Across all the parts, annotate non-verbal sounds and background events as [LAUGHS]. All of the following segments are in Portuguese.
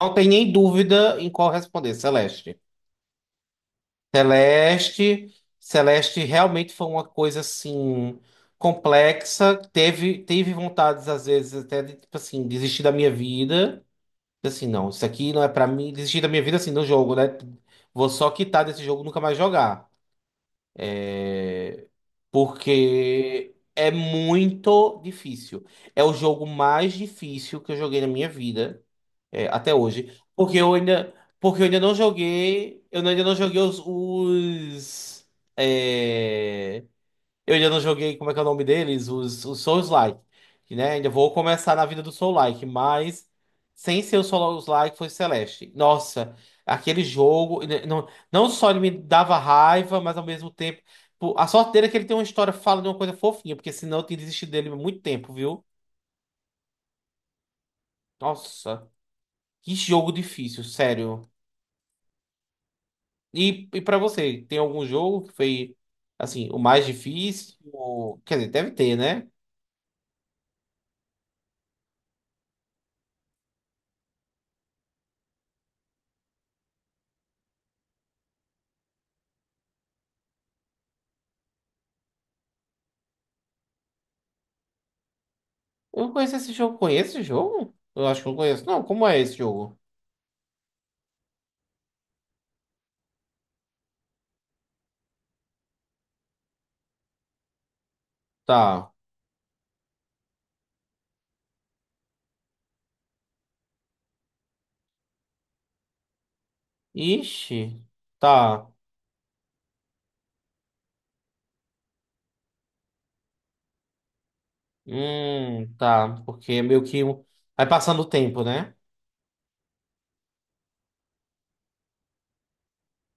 Não tem nem dúvida em qual responder, Celeste. Celeste, Celeste realmente foi uma coisa assim complexa. Teve, teve vontades às vezes até de tipo assim desistir da minha vida. Tipo assim, não, isso aqui não é pra mim. Desistir da minha vida assim no jogo, né? Vou só quitar desse jogo, e nunca mais jogar, porque é muito difícil. É o jogo mais difícil que eu joguei na minha vida. É, até hoje. Porque eu ainda não joguei. É, eu ainda não joguei, como é que é o nome deles? Os Souls-like. Né? Ainda vou começar na vida do Soul-like, mas sem ser o Souls-like foi Celeste. Nossa, aquele jogo. Não, não só ele me dava raiva, mas ao mesmo tempo, pô, a sorte dele é que ele tem uma história, fala de uma coisa fofinha, porque senão eu teria desistido dele há muito tempo, viu? Nossa, que jogo difícil, sério. E para você, tem algum jogo que foi, assim, o mais difícil? Quer dizer, deve ter, né? Eu conheço esse jogo. Conheço esse jogo? Eu acho que eu conheço. Não, como é esse jogo? Tá. Ixi. Tá. Tá. Porque é meio que vai passando o tempo, né?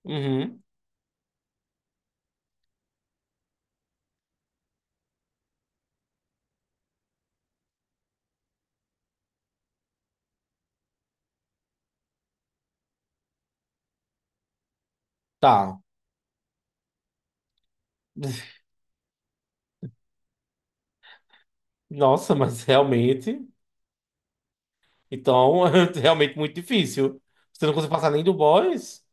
Uhum. Tá. [LAUGHS] Nossa, mas realmente. Então, [LAUGHS] é realmente muito difícil. Você não consegue passar nem do boss?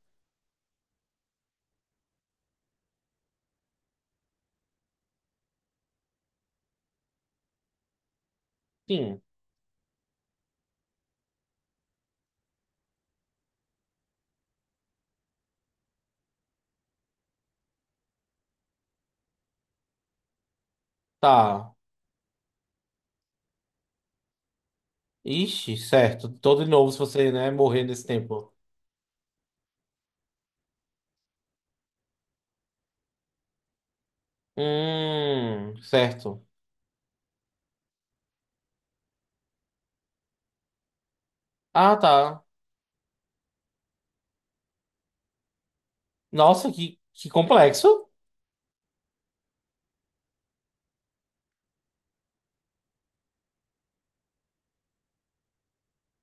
Sim. Tá. Ixi, certo. Todo de novo se você, né, morrer nesse tempo. Certo. Ah, tá. Nossa, que complexo.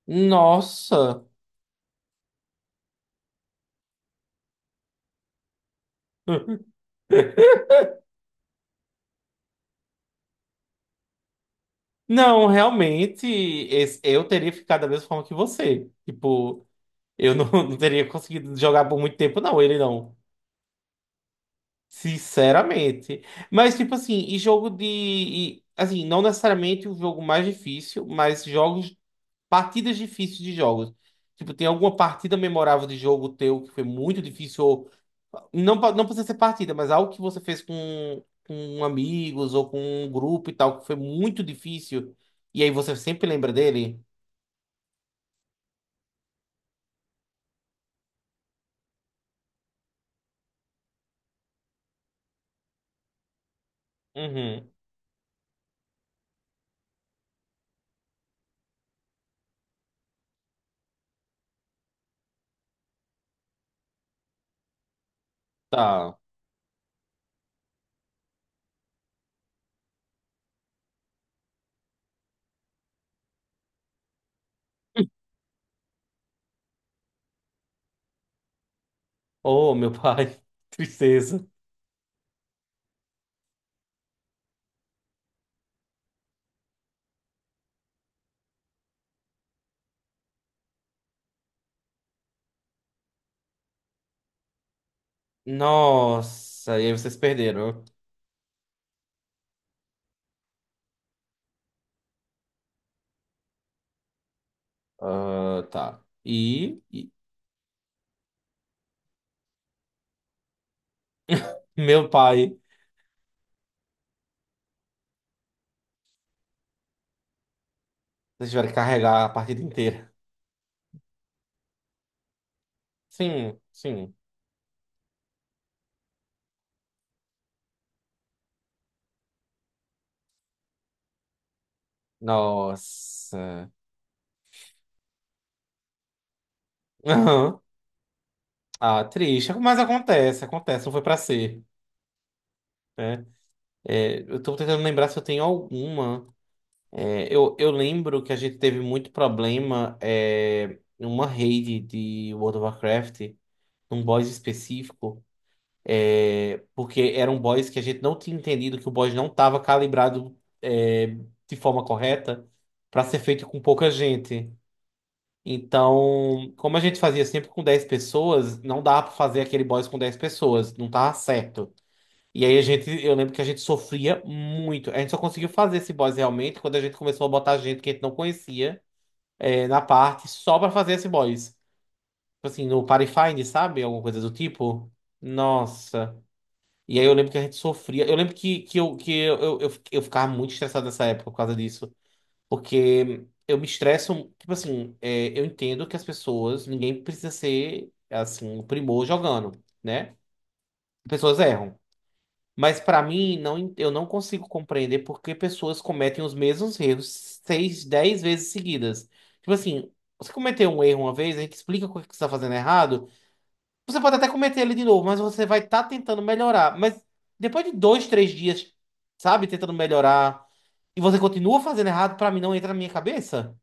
Nossa. [LAUGHS] Não, realmente, eu teria ficado da mesma forma que você. Tipo, eu não, [LAUGHS] não teria conseguido jogar por muito tempo, não, ele não. Sinceramente. Mas, tipo assim, assim, não necessariamente o jogo mais difícil, mas jogos Partidas difíceis de jogos. Tipo, tem alguma partida memorável de jogo teu que foi muito difícil? Ou. Não, não precisa ser partida, mas algo que você fez com amigos ou com um grupo e tal, que foi muito difícil. E aí você sempre lembra dele? Uhum. Tá. Oh, meu pai. [LAUGHS] Tristeza. Nossa, e aí vocês perderam. Ah, tá. E meu pai, vocês tiveram que carregar a partida inteira. Sim, sim. Nossa. [LAUGHS] Ah, triste, mas acontece, acontece, não foi pra ser. Né? Eu tô tentando lembrar se eu tenho alguma. Eu lembro que a gente teve muito problema, em uma raid de World of Warcraft, num boss específico, porque era um boss que a gente não tinha entendido que o boss não estava calibrado, é, de forma correta para ser feito com pouca gente. Então, como a gente fazia sempre com 10 pessoas, não dava para fazer aquele boss com 10 pessoas, não tava certo. E aí a gente, eu lembro que a gente sofria muito. A gente só conseguiu fazer esse boss realmente quando a gente começou a botar gente que a gente não conhecia, na parte só pra fazer esse boss. Tipo assim, no Party Find, sabe? Alguma coisa do tipo. Nossa. E aí eu lembro que a gente sofria. Eu lembro que eu ficava muito estressado nessa época por causa disso. Porque eu me estresso. Tipo assim, eu entendo que as pessoas, ninguém precisa ser assim, o primor jogando, né? Pessoas erram. Mas para mim, não, eu não consigo compreender por que pessoas cometem os mesmos erros seis, 10 vezes seguidas. Tipo assim, você cometeu um erro uma vez, a gente explica o que você está fazendo errado. Você pode até cometer ele de novo, mas você vai estar tentando melhorar. Mas depois de dois, três dias, sabe, tentando melhorar, e você continua fazendo errado, para mim não entra na minha cabeça.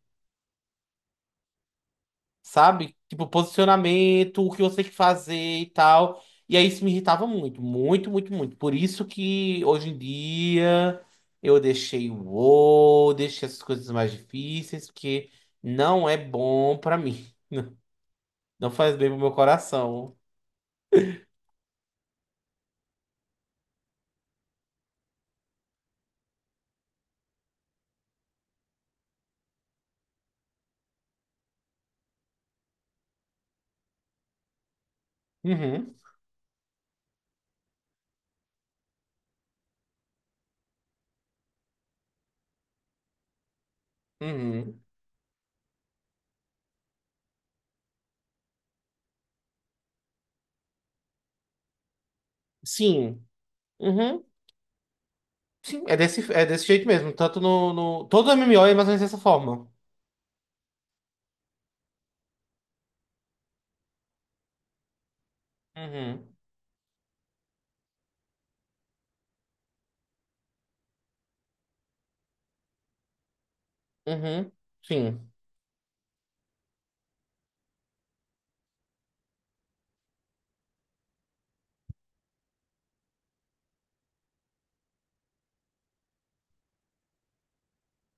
Sabe? Tipo, posicionamento, o que você tem que fazer e tal. E aí isso me irritava muito, muito, muito, muito. Por isso que hoje em dia eu deixei o WoW, deixei essas coisas mais difíceis, porque não é bom pra mim. Não faz bem pro meu coração. Uhum, uhum. Sim, uhum. Sim, é desse jeito mesmo. Tanto no, no... Todo MMO é mais ou menos dessa forma. Uhum, uhum. Sim.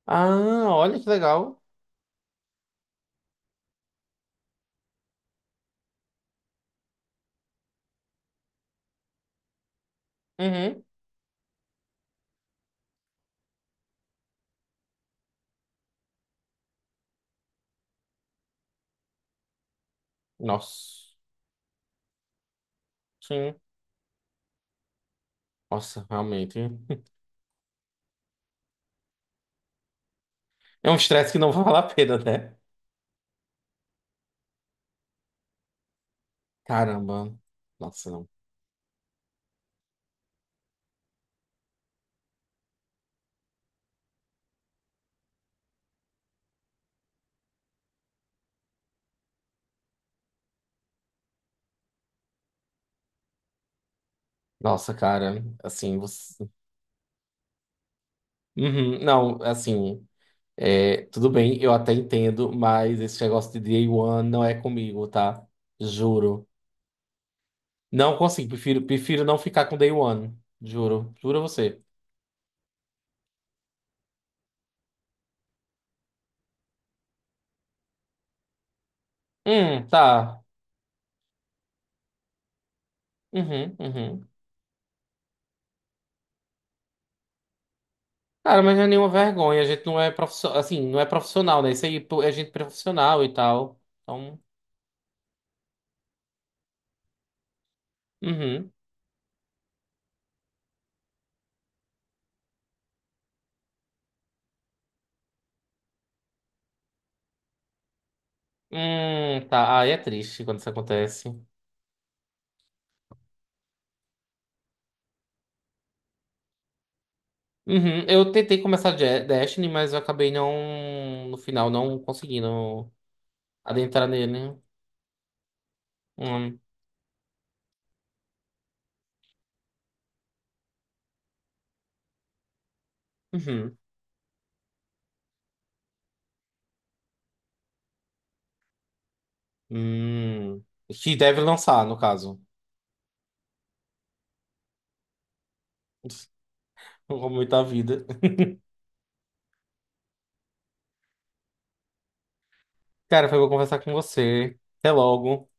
Ah, olha que legal. Uhum. Nossa. Sim. Nossa, realmente. [LAUGHS] É um estresse que não vale a pena, né? Caramba. Nossa, não. Nossa, cara. Assim, você. Uhum. Não, assim, tudo bem, eu até entendo, mas esse negócio de Day One não é comigo, tá? Juro. Não consigo. Prefiro, prefiro não ficar com Day One. Juro. Juro a você. Tá. Uhum, uhum. Cara, mas não é nenhuma vergonha. A gente não é profissional. Assim, não é profissional, né? Isso aí pô, é gente profissional e tal. Então. Uhum. Tá. Aí é triste quando isso acontece. Uhum. Eu tentei começar Destiny, mas eu acabei não, no final, não conseguindo adentrar nele. Hum. Uhum. Hum. Que deve lançar, no caso. [LAUGHS] Como muita vida. Cara, foi bom conversar com você. Até logo.